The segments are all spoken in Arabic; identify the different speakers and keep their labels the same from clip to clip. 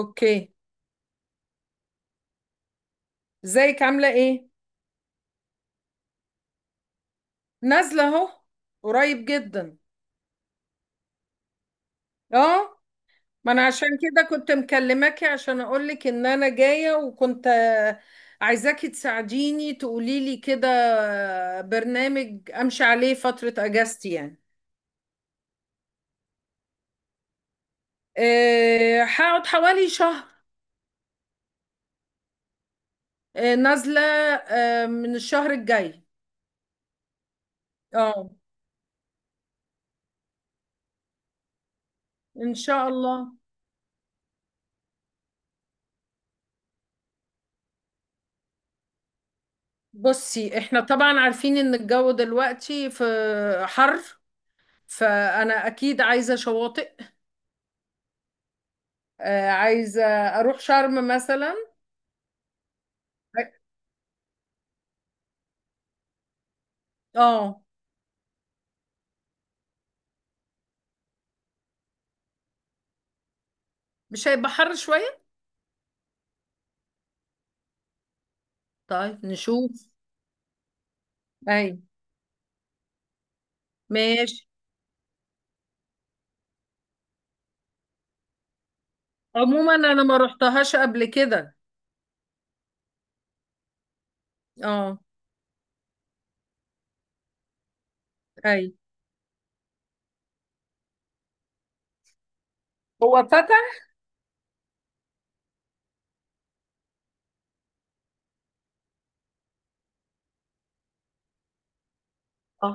Speaker 1: اوكي. ازيك، عامله ايه؟ نازله اهو، قريب جدا. اه، ما انا عشان كده كنت مكلماكي عشان اقولك ان انا جايه، وكنت عايزاكي تساعديني تقولي لي كده، برنامج امشي عليه فتره اجازتي يعني. هقعد حوالي شهر. نازله من الشهر الجاي. اه، ان شاء الله. بصي، احنا طبعا عارفين ان الجو دلوقتي في حر، فانا اكيد عايزه شواطئ. عايزه اروح شرم مثلا. اه، مش هيبقى حر شويه؟ طيب، نشوف. اي، ماشي. عموما انا ما رحتهاش قبل كده. اه. اي. هو فتح؟ اه.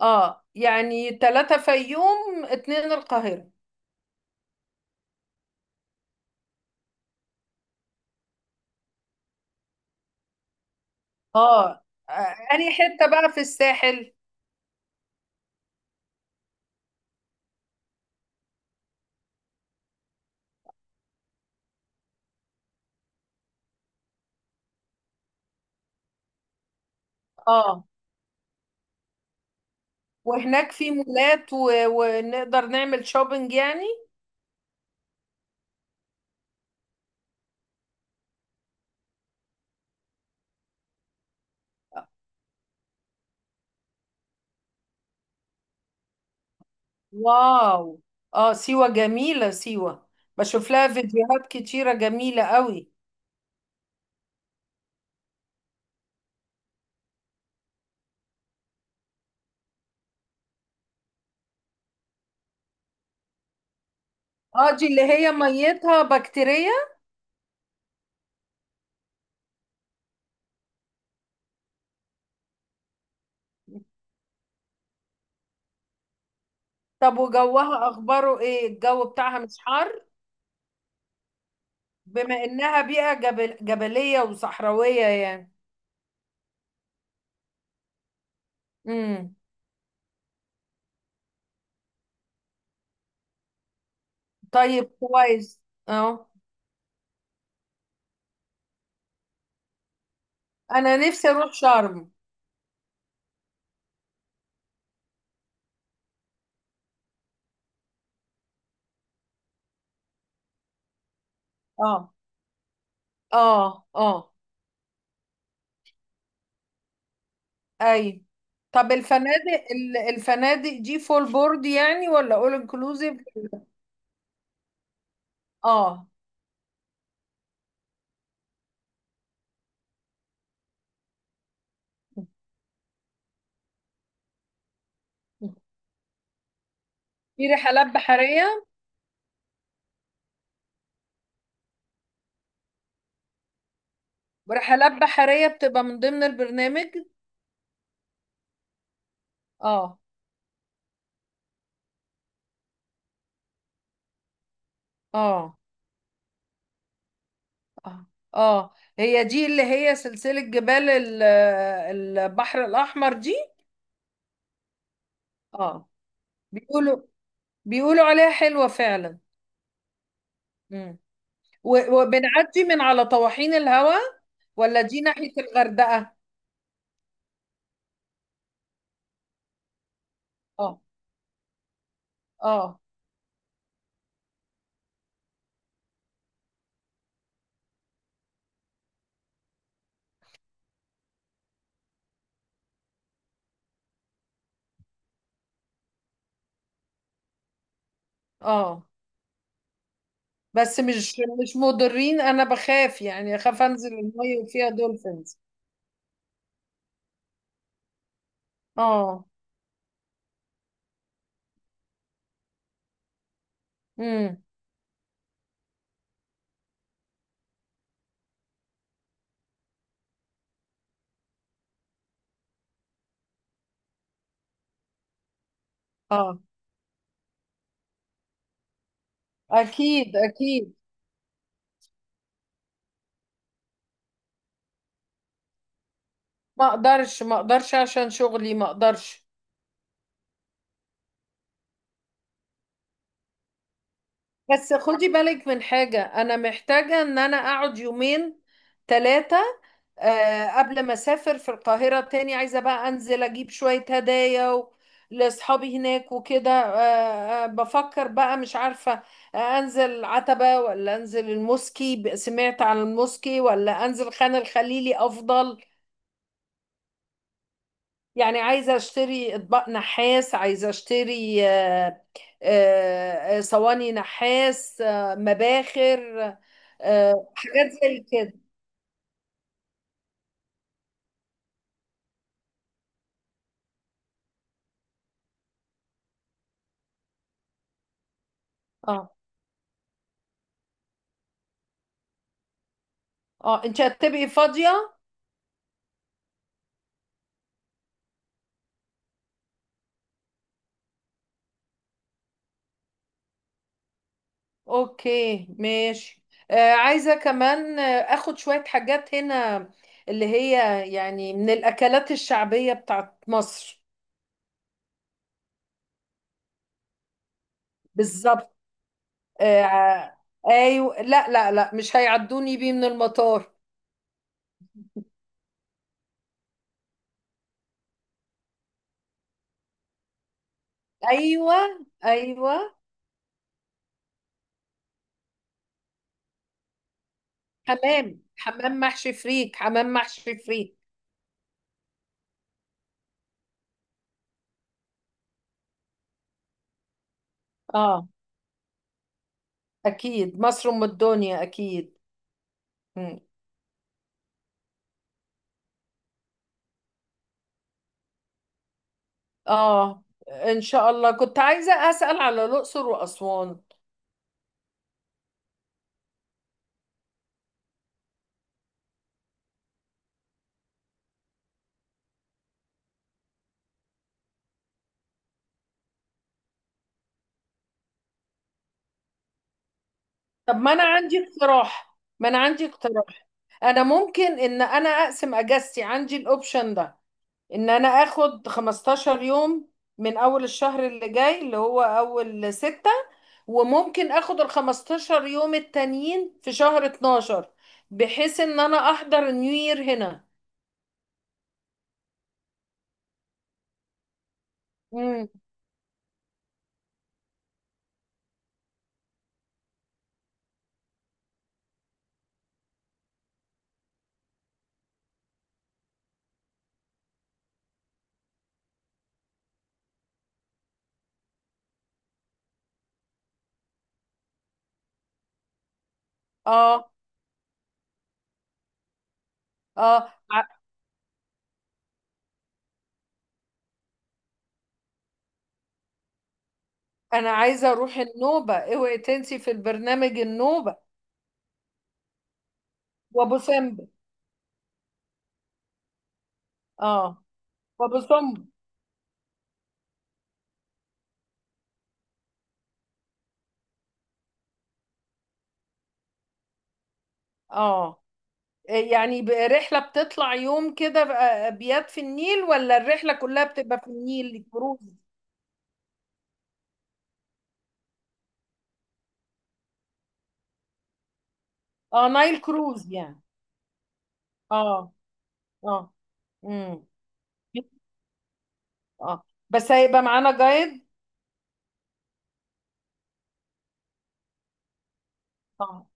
Speaker 1: اه يعني ثلاثة، فيوم اتنين القاهرة. اه. آه، انهي حتة بقى في الساحل؟ اه، وهناك في مولات ونقدر نعمل شوبينج يعني. واو، اه، سيوة جميلة سيوة. بشوف لها فيديوهات كتيرة جميلة قوي. اه، دي اللي هي ميتها بكتيريا. طب، وجوها اخباره ايه؟ الجو بتاعها مش حر؟ بما انها بيئة جبلية وصحراوية يعني. امم. طيب، كويس. اه. انا نفسي اروح شرم. اه، اه، اه. اي. طب الفنادق الفنادق دي فول بورد يعني ولا اول انكلوزيف؟ اه. في رحلات بحرية. رحلات بحرية بتبقى من ضمن البرنامج؟ اه. اه. اه. اه، هي دي اللي هي سلسلة جبال البحر الأحمر دي. اه. بيقولوا بيقولوا عليها حلوة فعلا. مم. وبنعدي من على طواحين الهواء، ولا دي ناحية الغردقة؟ اه، اه. اه، بس مش مضرين؟ انا بخاف يعني، اخاف انزل المية وفيها دولفينز. اه. امم. اه، اكيد اكيد. ما اقدرش، ما اقدرش، عشان شغلي ما اقدرش. بس خدي بالك من حاجة، انا محتاجة ان انا اقعد يومين، ثلاثة قبل ما اسافر، في القاهرة تاني، عايزة بقى انزل اجيب شوية هدايا لاصحابي هناك وكده. بفكر بقى، مش عارفة. انزل عتبة ولا انزل الموسكي؟ سمعت عن الموسكي، ولا انزل خان الخليلي افضل؟ يعني عايزة اشتري اطباق نحاس، عايزة اشتري صواني نحاس، مباخر، حاجات زي كده. اه. اه، انت هتبقي فاضية؟ اوكي، ماشي. عايزة كمان اخد شوية حاجات هنا، اللي هي يعني من الاكلات الشعبية بتاعت مصر. بالظبط. آه، ايوه، لا لا لا، مش هيعدوني بيه من المطار. ايوه، ايوه. حمام، حمام محشي فريك، حمام محشي فريك. اه، أكيد مصر أم الدنيا، أكيد. مم. آه إن شاء الله، كنت عايزة أسأل على الأقصر وأسوان. طب ما أنا عندي اقتراح، ما أنا عندي اقتراح. أنا ممكن إن أنا أقسم أجازتي، عندي الأوبشن ده، إن أنا آخد 15 يوم من أول الشهر اللي جاي، اللي هو أول ستة، وممكن آخد ال 15 يوم التانيين في شهر 12، بحيث إن أنا أحضر نيو يير هنا. مم. آه آه انا عايزه اروح النوبه، اوعي تنسي في البرنامج النوبه وابو سمبل. اه، وابو سمبل. اه يعني رحله بتطلع يوم كده، ابيات في النيل، ولا الرحله كلها بتبقى في النيل كروز؟ اه، نايل كروز يعني. اه، اه. امم. اه، بس هيبقى معانا جايد. اه،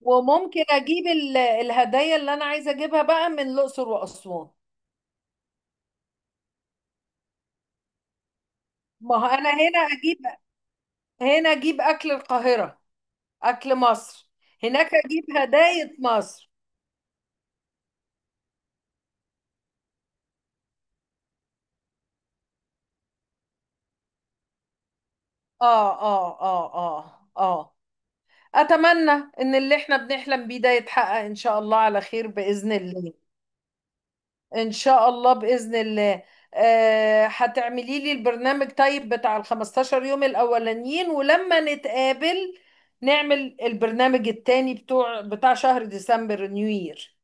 Speaker 1: وممكن اجيب الهدايا اللي انا عايزه اجيبها بقى من الاقصر واسوان. ما هو انا هنا اجيب اكل القاهره، اكل مصر. هناك اجيب هدايا مصر. اه، اه، اه، اه، اه. اتمنى ان اللي احنا بنحلم بيه ده يتحقق، ان شاء الله على خير باذن الله. ان شاء الله، باذن الله. هتعملي لي البرنامج طيب بتاع ال 15 يوم الاولانيين، ولما نتقابل نعمل البرنامج التاني بتاع شهر ديسمبر، نيو يير.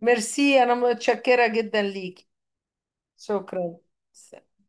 Speaker 1: ميرسي، انا متشكرة جدا ليكي. شكرا.